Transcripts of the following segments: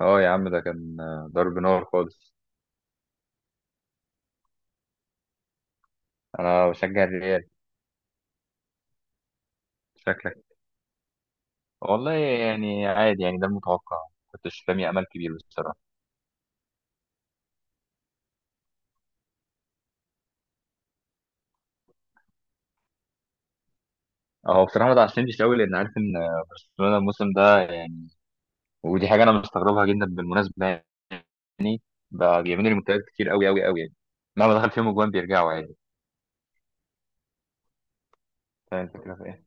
اه يا عم، ده كان ضرب نار خالص. انا بشجع الريال. شكلك. والله يعني عادي، يعني ده المتوقع. كنتش رامي امل كبير بصراحه. هو بصراحه ما اتعشمتش قوي، لان عارف ان برشلونه الموسم ده يعني. ودي حاجه انا مستغربها جدا بالمناسبه، يعني بقى بيعملوا ريمونتادات كتير قوي قوي قوي، يعني مهما دخل فيهم اجوان بيرجعوا عادي. فاهم الفكره في ايه؟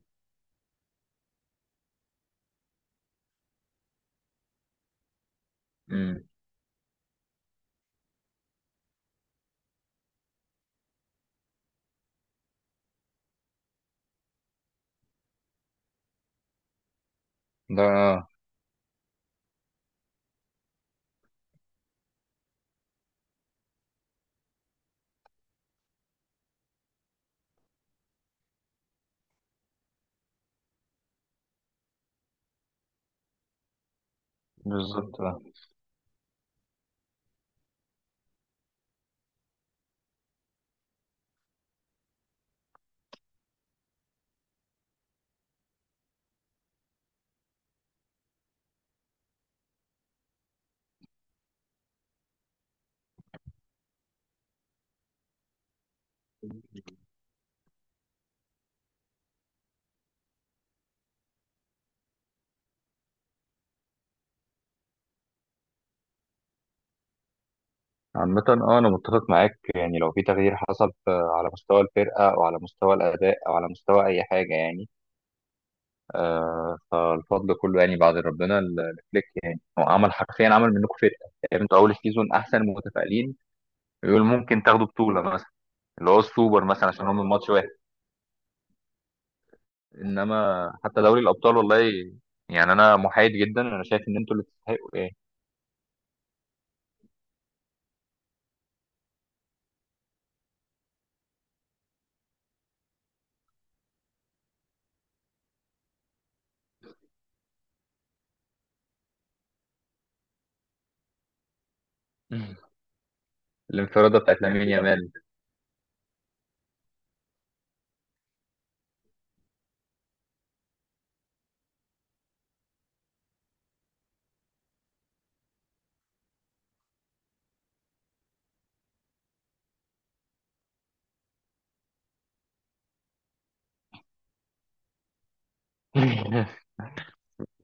امم ده بالظبط آه. عامة، اه، انا متفق معاك، يعني لو في تغيير حصل على مستوى الفرقة او على مستوى الاداء او على مستوى اي حاجة يعني فالفضل كله يعني بعد ربنا لفليك، يعني هو عمل حرفيا عمل منكم فرقه، يعني انتوا اول سيزون احسن متفائلين يقول ممكن تاخدوا بطوله مثلا، اللي هو السوبر مثلا عشان هم من ماتش واحد. انما حتى دوري الابطال، والله يعني انا محايد جدا. انا شايف ان انتوا اللي تستحقوا، ايه. الانفراده بتاعت لامين يامال.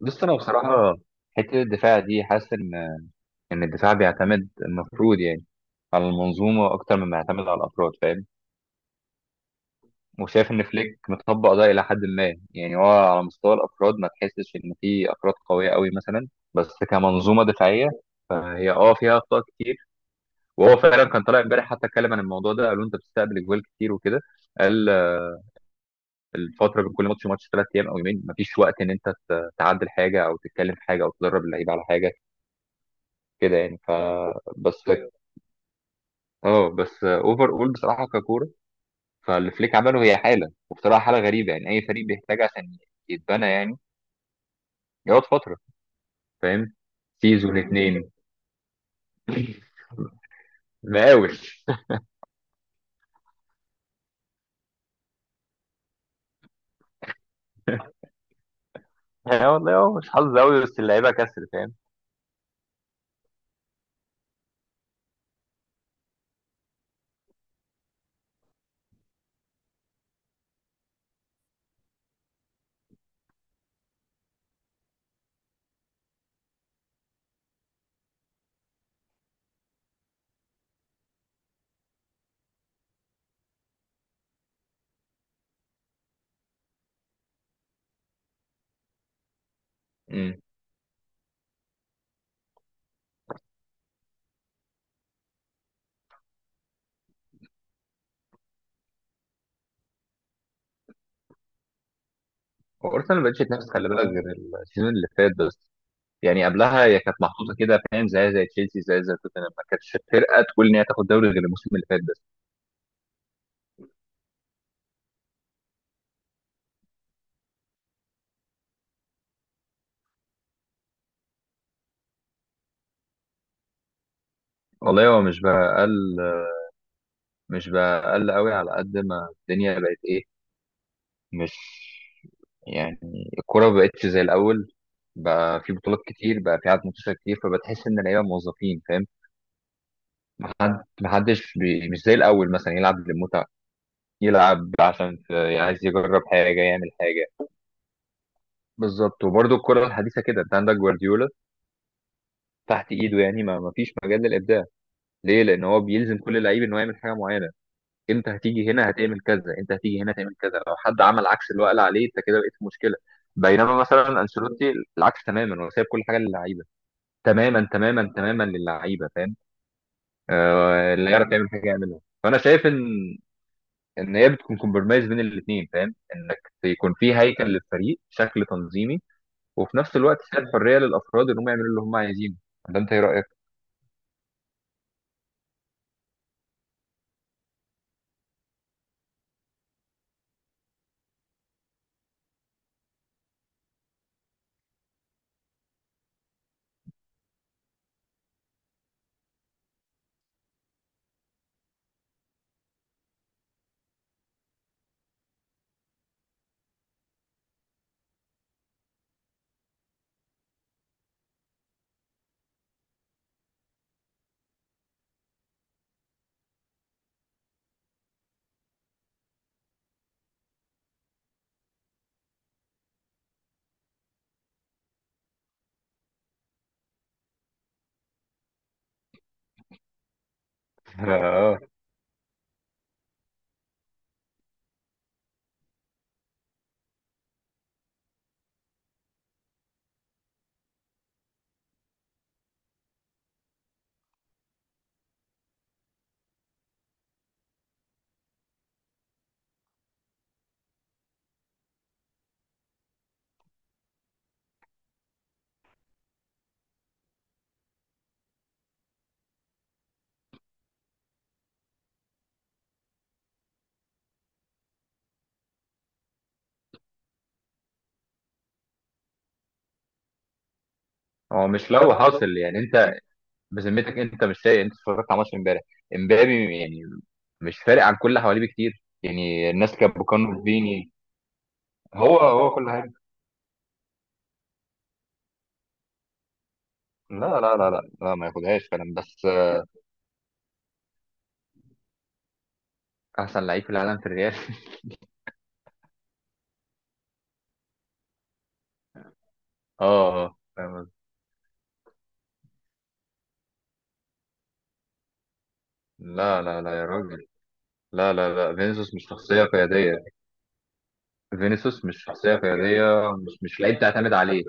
بص انا بصراحه، حته الدفاع دي، حاسس ان الدفاع بيعتمد المفروض، يعني على المنظومه اكتر مما يعتمد على الافراد، فاهم. وشايف ان فليك مطبق ده الى حد ما، يعني هو على مستوى الافراد ما تحسش ان في افراد قويه قوي مثلا، بس كمنظومه دفاعيه فهي فيها اخطاء كتير. وهو فعلا كان طالع امبارح، حتى اتكلم عن الموضوع ده، قالوا انت بتستقبل اجوال كتير وكده. قال آه، الفتره بين كل ماتش وماتش 3 ايام او يومين، مفيش وقت ان انت تعدل حاجه او تتكلم في حاجه او تدرب اللعيبه على حاجه كده يعني. بس اه بس اوفر اول بصراحه ككوره. فالفليك عمله هي حاله، وبصراحه حاله غريبه، يعني اي فريق بيحتاج عشان يتبنى يعني، يقعد فتره، فاهم، سيزون اتنين، مقاول. يعني والله هو مش حظ قوي، بس اللعيبه كسر، فاهم. امم وارسنال ما بقتش تنافس، خلي بالك، غير السيزون اللي فات بس. يعني قبلها هي كانت محطوطه كده، فاهم، زي تشيلسي، زي توتنهام، ما كانتش فرقه تقول ان هي تاخد دوري غير الموسم اللي فات بس. والله هو مش بقى قل، مش بقى قل قوي، على قد ما الدنيا بقت ايه. مش يعني، الكوره ما بقتش زي الاول، بقى في بطولات كتير، بقى في عدد منتشر كتير، فبتحس ان اللعيبه موظفين، فاهم. حد، محدش، مش زي الأول مثلا يلعب للمتعة، يلعب عشان عايز يجرب حاجة، يعمل حاجة. بالظبط، وبرضه الكرة الحديثة كده، انت عندك جوارديولا تحت ايده، يعني ما فيش مجال للإبداع. ليه؟ لأن هو بيلزم كل لعيب إن هو يعمل حاجة معينة. انت هتيجي هنا هتعمل كذا، انت هتيجي هنا هتعمل كذا، لو حد عمل عكس اللي هو قال عليه، انت كده بقيت في مشكلة. بينما مثلا انشيلوتي العكس تماما، هو سايب كل حاجة للعيبة، تماما تماما تماما للعيبة، فاهم. اللي يعرف يعمل حاجة يعملها، فأنا شايف ان هي بتكون كومبرمايز بين الاثنين، فاهم، انك يكون في هيكل للفريق، شكل تنظيمي، وفي نفس الوقت فيها الحريه للافراد انهم يعملوا اللي هم عايزينه. ده انت ايه رايك؟ اه، هو مش لو حاصل؟ يعني انت بذمتك، انت مش سايق؟ انت اتفرجت على ماتش امبارح، امبابي يعني مش فارق عن كل اللي حواليه بكتير، يعني الناس كانت بوكانو فيني. هو كل حاجه. لا لا لا لا لا، ما ياخدهاش فعلا، بس احسن لعيب في العالم في الريال. اه، آه، فاهم قصدي؟ لا لا لا يا راجل، لا لا لا، فينيسيوس مش شخصيه قياديه. فينيسيوس مش شخصية قيادية، مش لعيب تعتمد عليه.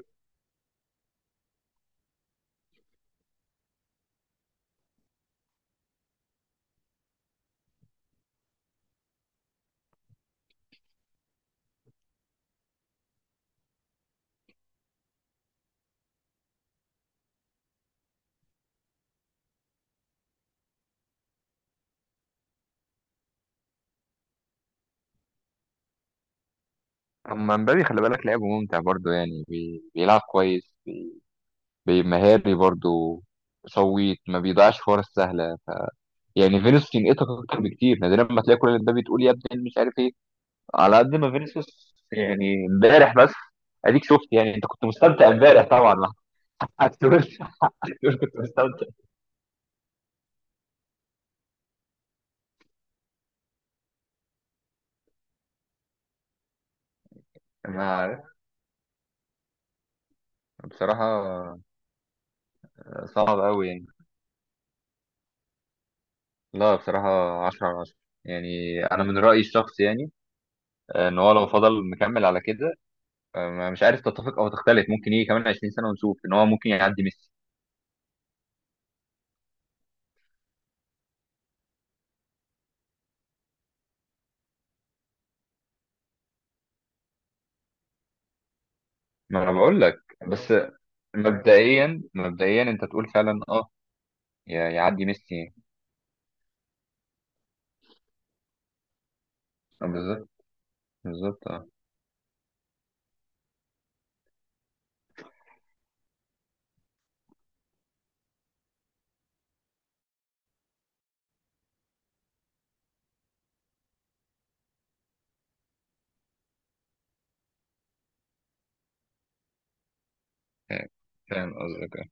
اما مبابي، خلي بالك، لعبه ممتع برضه، يعني بيلعب كويس، مهاري برضه، شويت ما بيضيعش فرص سهله. يعني فينيسيوس ينقطك اكتر بكتير، نادرا ما تلاقي كل اللي مبابي تقول يا ابني مش عارف ايه، على قد ما فينيسيوس. يعني امبارح بس، اديك شفت، يعني انت كنت مستمتع امبارح طبعا. ما هتقولش؟ هتقول كنت مستمتع. ما عارف بصراحة. صعب قوي يعني. لا بصراحة 10/10. يعني أنا من رأيي الشخصي، يعني ان هو لو فضل مكمل على كده، مش عارف تتفق او تختلف، ممكن يجي كمان 20 سنه ونشوف ان هو ممكن يعدي ميسي. ما انا بقول لك بس. مبدئيا مبدئيا انت تقول فعلا اه، يعدي ميسي، آه، بالظبط. بالظبط، اه، فاهم قصدك آه.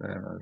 مم.